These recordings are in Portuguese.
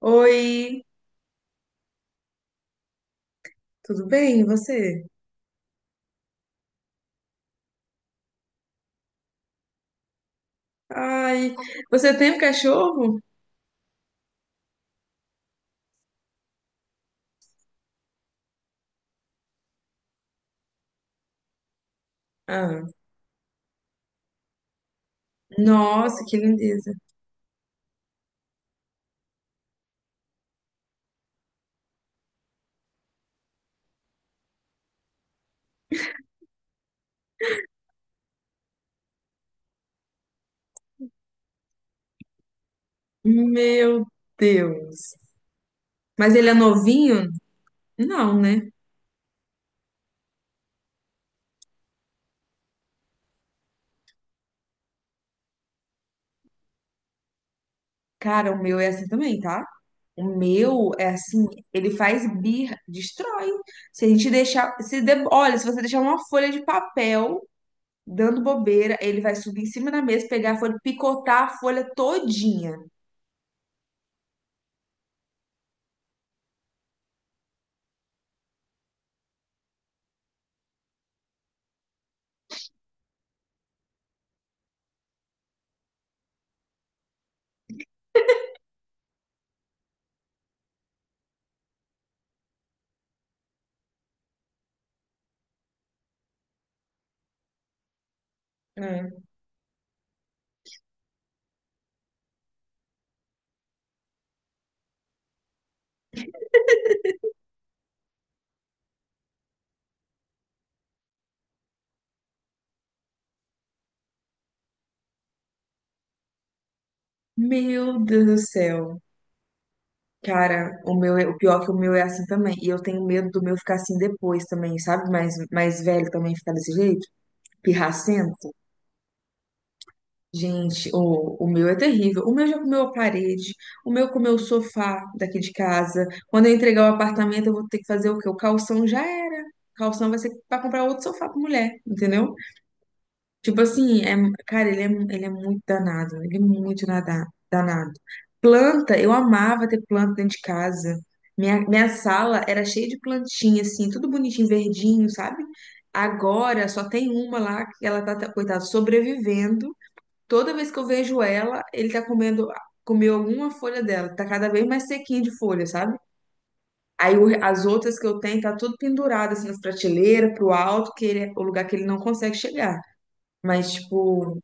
Oi, tudo bem? E você? Ai, você tem um cachorro? Ah, nossa, que lindeza. Meu Deus. Mas ele é novinho? Não, né? Cara, o meu é assim também, tá? O meu é assim, ele faz birra, destrói. Se a gente deixar, se de- olha, se você deixar uma folha de papel dando bobeira, ele vai subir em cima da mesa, pegar a folha, picotar a folha todinha. É. Meu Deus do céu. Cara, o meu, o pior é que o meu é assim também. E eu tenho medo do meu ficar assim depois também, sabe? Mais velho também ficar desse jeito, pirracento. Gente, o meu é terrível. O meu já comeu a parede, o meu comeu o sofá daqui de casa. Quando eu entregar o apartamento, eu vou ter que fazer o quê? O calção já era. O calção vai ser pra comprar outro sofá pra mulher, entendeu? Tipo assim, é, cara, ele é muito danado, ele é muito danado. Planta, eu amava ter planta dentro de casa. Minha sala era cheia de plantinha, assim, tudo bonitinho, verdinho, sabe? Agora só tem uma lá que ela tá, coitada, sobrevivendo. Toda vez que eu vejo ela, ele tá comendo, comeu alguma folha dela. Tá cada vez mais sequinha de folha, sabe? Aí as outras que eu tenho tá tudo pendurado, assim, nas prateleiras, pro alto, que ele, é o lugar que ele não consegue chegar. Mas, tipo,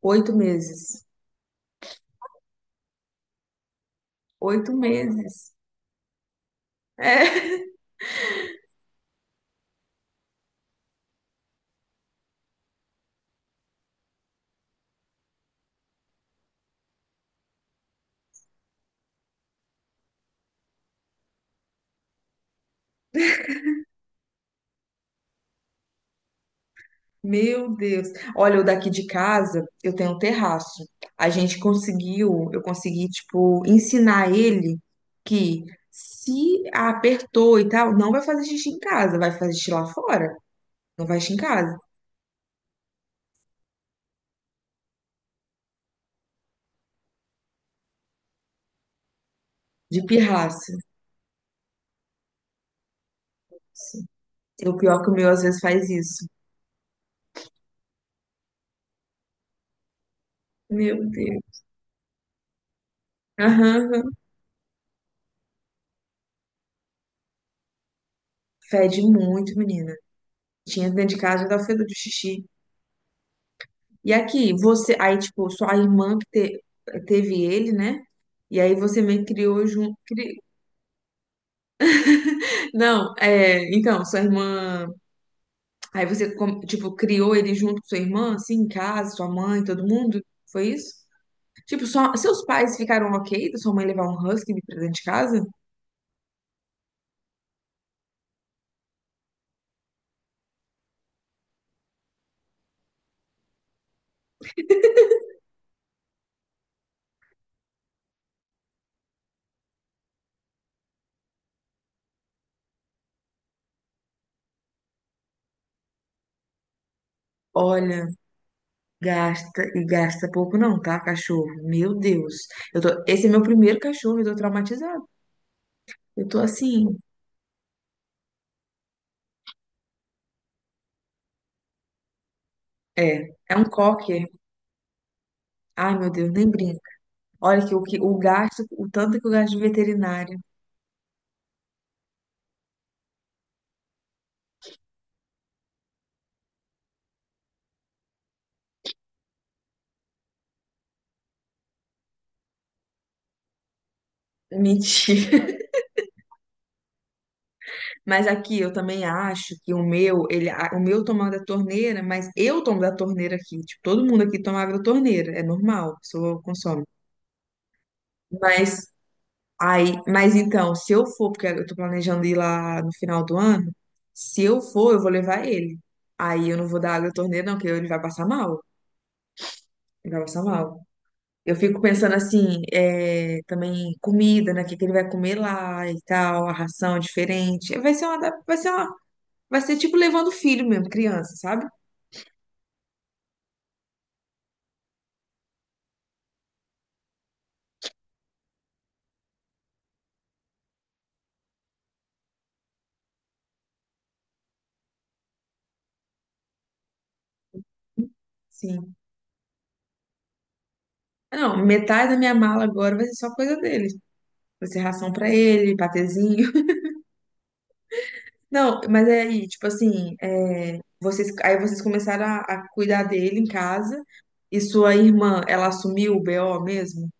8 meses. 8 meses. É, meu Deus. Olha, o daqui de casa, eu tenho um terraço. A gente conseguiu, eu consegui, tipo, ensinar ele que se apertou e tal, não vai fazer xixi em casa, vai fazer xixi lá fora. Não vai xixi em casa. De pirraça. E o pior que o meu às vezes faz isso. Meu Deus. Aham. Fede muito, menina. Tinha dentro de casa, já dá o fedor de xixi. E aqui, você, aí, tipo, sua irmã que te- teve ele, né? E aí você meio que criou junto. Não, é, então, sua irmã. Aí você, tipo, criou ele junto com sua irmã, assim, em casa, sua mãe, todo mundo? Foi isso? Tipo, só, seus pais ficaram ok da sua mãe levar um husky de dentro de casa? Olha, gasta e gasta pouco não, tá, cachorro? Meu Deus. Eu tô, esse é meu primeiro cachorro, eu tô traumatizada. Eu tô assim, é, é um cocker. Ai, meu Deus, nem brinca. Olha que o gasto, o tanto que eu gasto de veterinário. É mentira. Mas aqui eu também acho que o meu, ele, o meu toma da torneira, mas eu tomo da torneira aqui. Tipo, todo mundo aqui toma água da torneira, é normal, a pessoa consome. Mas mas então, se eu for, porque eu tô planejando ir lá no final do ano, se eu for, eu vou levar ele. Aí eu não vou dar água da torneira, não, porque ele vai passar mal. Ele vai passar mal. Eu fico pensando assim, é, também comida, né? O que que ele vai comer lá e tal, a ração é diferente. Vai ser uma, da- vai ser uma, vai ser tipo levando filho mesmo, criança, sabe? Sim. Não, metade da minha mala agora vai ser só coisa dele. Vai ser ração pra ele, patezinho. Não, mas é aí, tipo assim, é, vocês, aí vocês começaram a cuidar dele em casa. E sua irmã, ela assumiu o BO mesmo?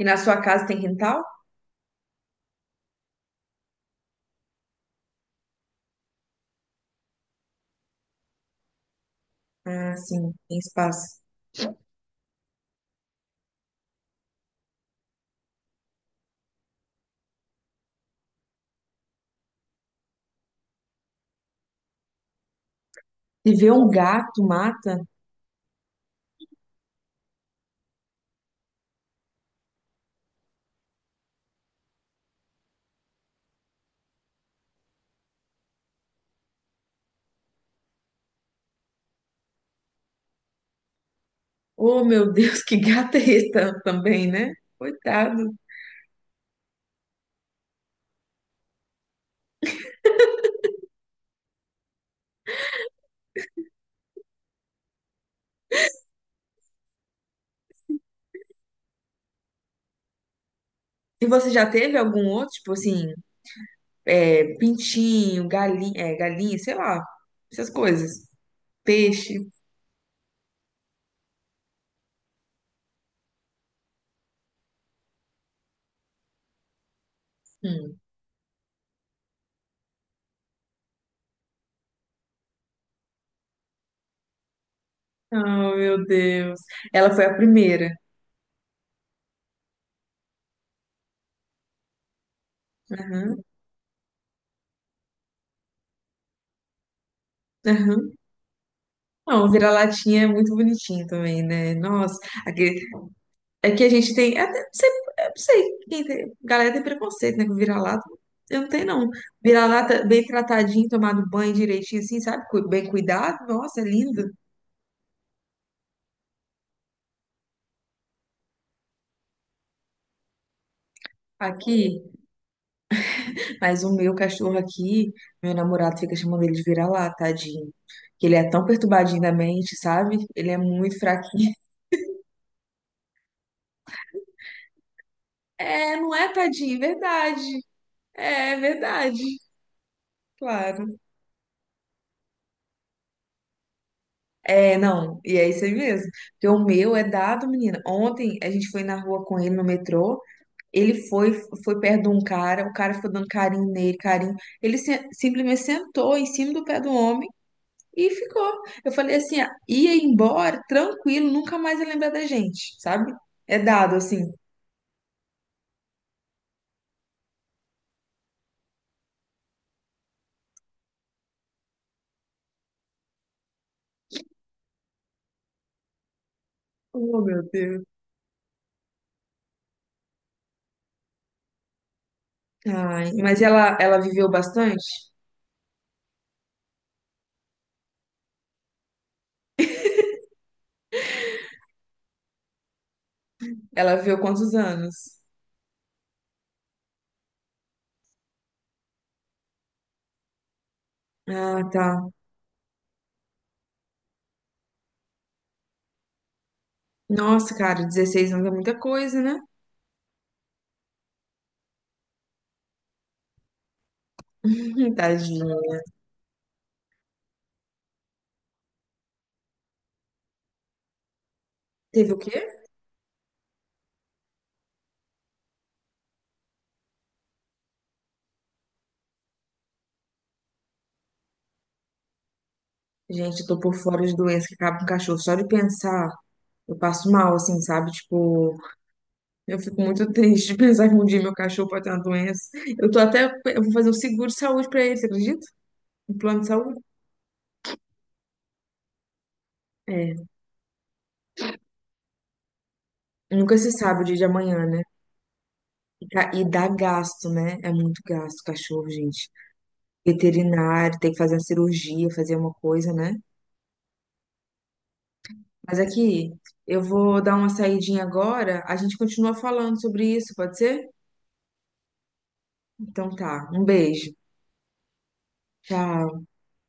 E na sua casa tem quintal? Ah, sim, tem espaço. E ver um gato, mata. Oh, meu Deus, que gata é esse também, né? Coitado. E você já teve algum outro, tipo assim, é, pintinho, galinha, é, galinha, sei lá, essas coisas. Peixe. Hum. Oh, meu Deus. Ela foi a primeira. Aham, aham. Não, o vira-latinha é muito bonitinho também, né? Nossa, aquele, é que a gente tem. Até, não sei, eu não sei quem tem, galera tem preconceito, né? Com vira-lata. Eu não tenho, não. Vira-lata bem tratadinho, tomado banho direitinho, assim, sabe? Cu- bem cuidado. Nossa, é lindo. Aqui. Mas o meu cachorro aqui, meu namorado fica chamando ele de vira-lata, tadinho. Que ele é tão perturbadinho da mente, sabe? Ele é muito fraquinho. É, não é, tadinho, é verdade. É é verdade. Claro. É, não, e é isso aí mesmo. Porque o meu é dado, menina. Ontem a gente foi na rua com ele no metrô. Ele foi, foi perto de um cara, o cara foi dando carinho nele, carinho. Ele simplesmente sentou em cima do pé do homem e ficou. Eu falei assim, ah, ia embora, tranquilo, nunca mais ia lembrar da gente, sabe? É dado assim. Oh, meu Deus. Ai, mas ela viveu bastante? Ela viveu quantos anos? Ah, tá. Nossa, cara, 16 anos é muita coisa, né? Tadinha. Teve o quê? Gente, eu tô por fora de doença que acaba com o cachorro. Só de pensar, eu passo mal, assim, sabe? Tipo, eu fico muito triste de pensar que um dia meu cachorro pode ter uma doença. Eu tô até, eu vou fazer um seguro de saúde pra ele, você acredita? Um plano de saúde? É, nunca se sabe o dia de amanhã, né? E dá gasto, né? É muito gasto, cachorro, gente. Veterinário, tem que fazer uma cirurgia, fazer uma coisa, né? Mas aqui, eu vou dar uma saidinha agora, a gente continua falando sobre isso, pode ser? Então tá, um beijo. Tchau.